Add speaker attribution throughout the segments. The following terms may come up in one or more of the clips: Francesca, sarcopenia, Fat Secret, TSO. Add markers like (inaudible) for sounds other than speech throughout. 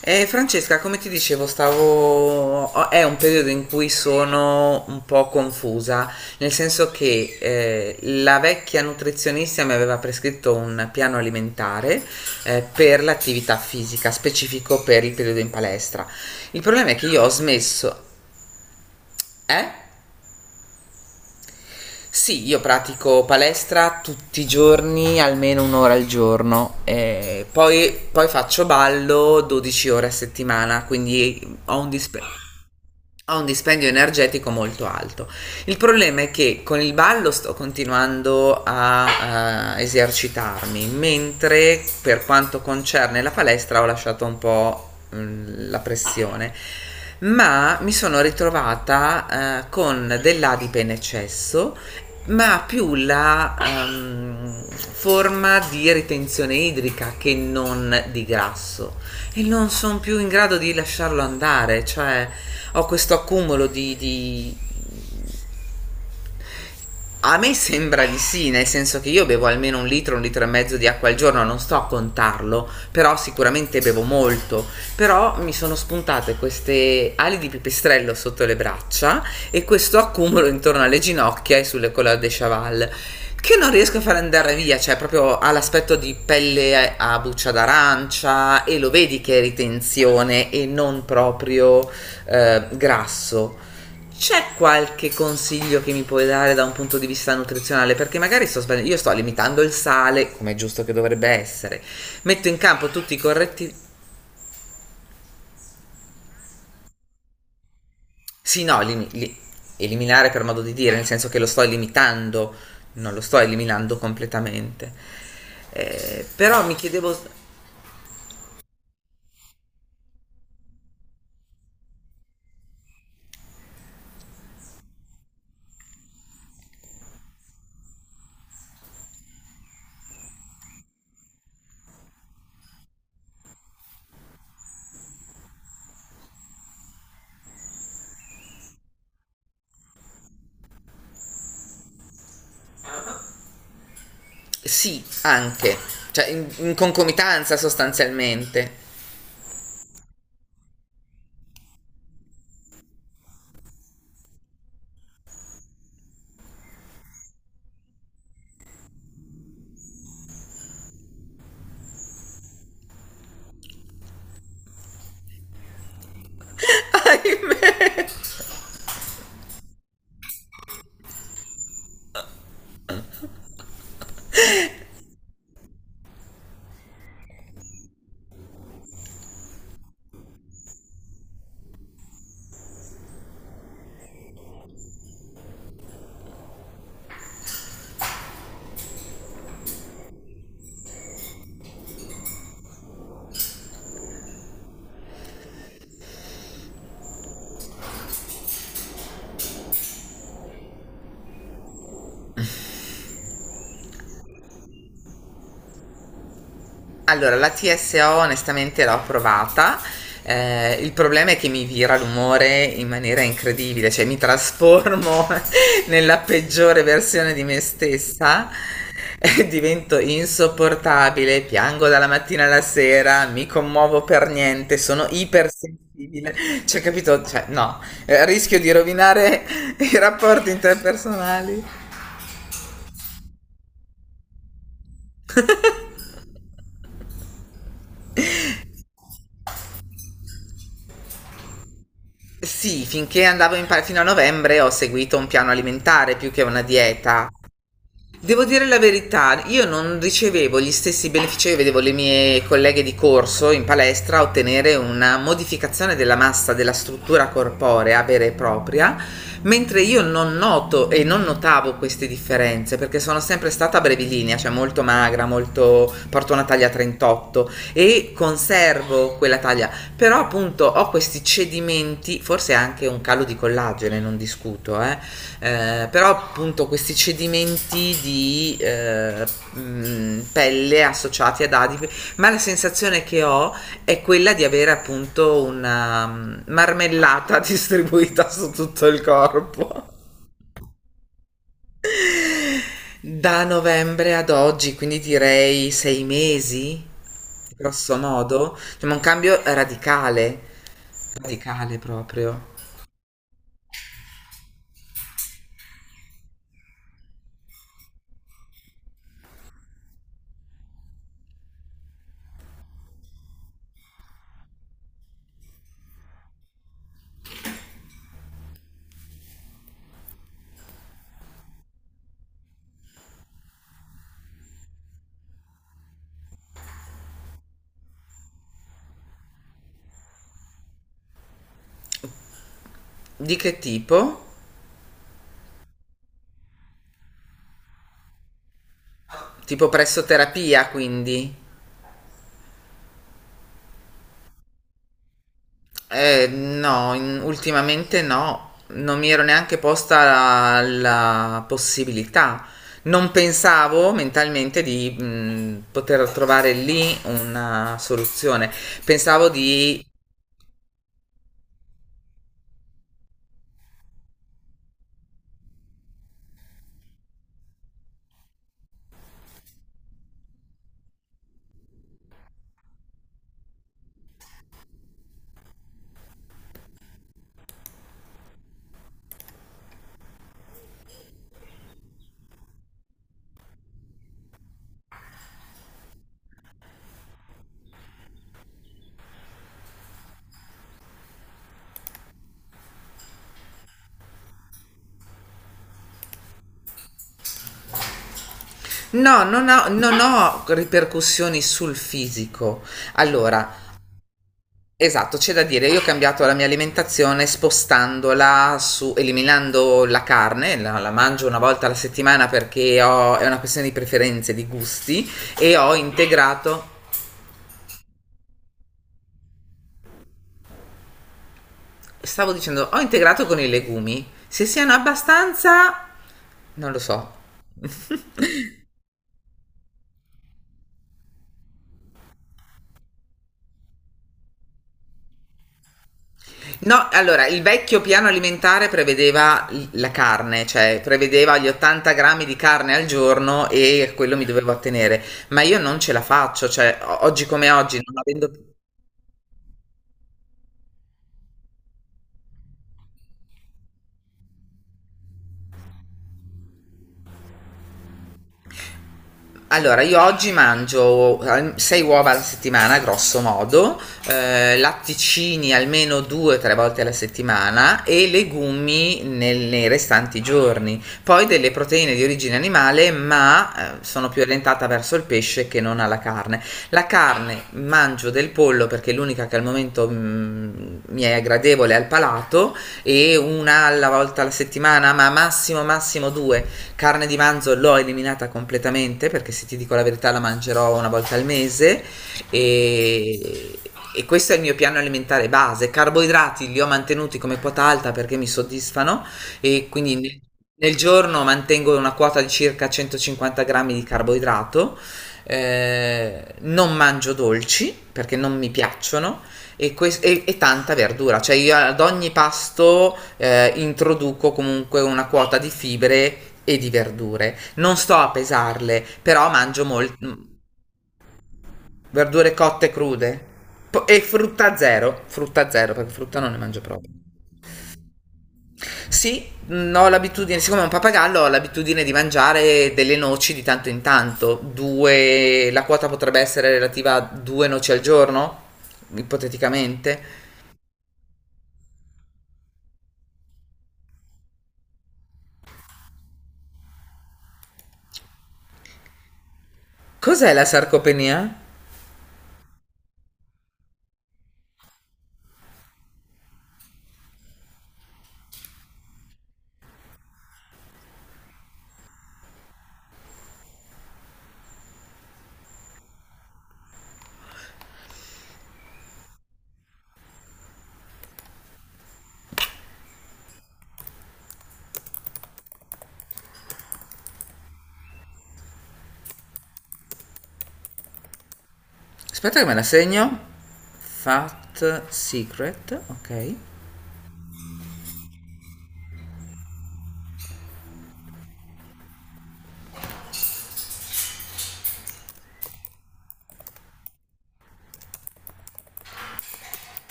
Speaker 1: Francesca, come ti dicevo, stavo... oh, è un periodo in cui sono un po' confusa, nel senso che la vecchia nutrizionista mi aveva prescritto un piano alimentare per l'attività fisica, specifico per il periodo in palestra. Il problema è che io ho smesso... Eh? Sì, io pratico palestra tutti i giorni, almeno un'ora al giorno, poi faccio ballo 12 ore a settimana, quindi ho un dispendio. Ha un dispendio energetico molto alto. Il problema è che con il ballo sto continuando a esercitarmi, mentre per quanto concerne la palestra ho lasciato un po' la pressione, ma mi sono ritrovata con dell'adipe in eccesso, ma più la forma di ritenzione idrica che non di grasso, e non sono più in grado di lasciarlo andare, cioè ho questo accumulo A me sembra di sì, nel senso che io bevo almeno un litro e mezzo di acqua al giorno, non sto a contarlo, però sicuramente bevo molto. Però mi sono spuntate queste ali di pipistrello sotto le braccia e questo accumulo intorno alle ginocchia e sulle colonne de chaval. Che non riesco a far andare via, cioè proprio ha l'aspetto di pelle a buccia d'arancia e lo vedi che è ritenzione e non proprio grasso. C'è qualche consiglio che mi puoi dare da un punto di vista nutrizionale? Perché magari sto sbagliando, io sto limitando il sale, come è giusto che dovrebbe essere. Metto in campo tutti i corretti... Sì, no, eliminare per modo di dire, nel senso che lo sto limitando, non lo sto eliminando completamente. Però mi chiedevo... Sì, anche. Cioè, in concomitanza sostanzialmente. (laughs) Ahimè. Allora, la TSO onestamente l'ho provata. Il problema è che mi vira l'umore in maniera incredibile, cioè mi trasformo (laughs) nella peggiore versione di me stessa, (laughs) divento insopportabile, piango dalla mattina alla sera, mi commuovo per niente, sono ipersensibile, cioè capito? Cioè, no, eh, rischio di rovinare (laughs) i rapporti interpersonali. Sì, finché andavo in pa- fino a novembre ho seguito un piano alimentare più che una dieta. Devo dire la verità, io non ricevevo gli stessi benefici che vedevo le mie colleghe di corso in palestra ottenere, una modificazione della massa della struttura corporea vera e propria, mentre io non noto e non notavo queste differenze perché sono sempre stata brevilinea, cioè molto magra, molto, porto una taglia 38 e conservo quella taglia, però appunto ho questi cedimenti, forse anche un calo di collagene, non discuto, però appunto questi cedimenti di pelle associati ad adipi, ma la sensazione che ho è quella di avere appunto una marmellata (laughs) distribuita su tutto il corpo. Da novembre ad oggi, quindi direi sei mesi, grosso modo. Cioè, ma un cambio radicale, radicale proprio. Di che tipo? Tipo presso terapia, quindi. No, ultimamente no, non mi ero neanche posta la possibilità. Non pensavo mentalmente di poter trovare lì una soluzione. Pensavo di... No, non ho ripercussioni sul fisico. Allora, esatto, c'è da dire, io ho cambiato la mia alimentazione spostandola su, eliminando la carne, la mangio una volta alla settimana perché è una questione di preferenze, di gusti, e ho integrato, stavo dicendo, ho integrato con i legumi. Se siano abbastanza, non lo so. No, allora, il vecchio piano alimentare prevedeva la carne, cioè prevedeva gli 80 grammi di carne al giorno e a quello mi dovevo attenere, ma io non ce la faccio, cioè oggi come oggi, non avendo... più. Allora, io oggi mangio 6 uova alla settimana, grosso modo, latticini almeno 2-3 volte alla settimana e legumi nei restanti giorni. Poi delle proteine di origine animale, ma sono più orientata verso il pesce che non alla carne. La carne mangio del pollo perché è l'unica che al momento mi è gradevole al palato, e una alla volta alla settimana, ma massimo massimo due. Carne di manzo l'ho eliminata completamente perché, se ti dico la verità, la mangerò una volta al mese, e, e questo è il mio piano alimentare base. Carboidrati li ho mantenuti come quota alta perché mi soddisfano, e quindi nel giorno mantengo una quota di circa 150 grammi di carboidrato. Non mangio dolci perché non mi piacciono e, e tanta verdura, cioè io ad ogni pasto introduco comunque una quota di fibre e di verdure. Non sto a pesarle, però mangio molte verdure cotte, crude. E frutta zero perché frutta non ne mangio proprio. Sì, ho l'abitudine, siccome è un papagallo, ho l'abitudine di mangiare delle noci di tanto in tanto. Due, la quota potrebbe essere relativa a due noci al giorno, ipoteticamente. Cos'è la sarcopenia? Aspetta che me la segno. Fat Secret, ok.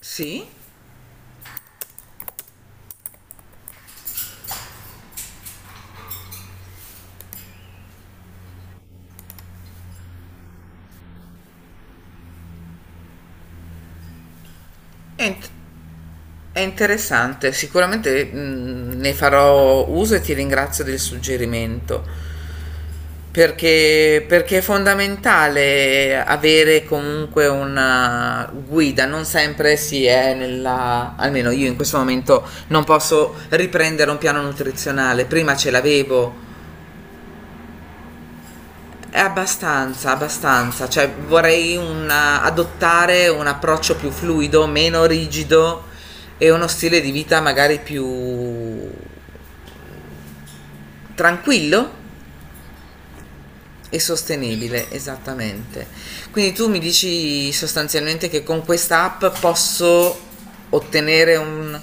Speaker 1: Sì, è, int- è interessante. Sicuramente ne farò uso e ti ringrazio del suggerimento. Perché, perché è fondamentale avere comunque una guida, non sempre si è nella, almeno io in questo momento non posso riprendere un piano nutrizionale, prima ce l'avevo. Abbastanza, abbastanza, cioè vorrei adottare un approccio più fluido, meno rigido e uno stile di vita magari più tranquillo e sostenibile, esattamente. Quindi tu mi dici sostanzialmente che con questa app posso ottenere un...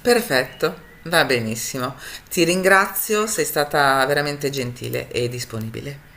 Speaker 1: Perfetto, va benissimo. Ti ringrazio, sei stata veramente gentile e disponibile.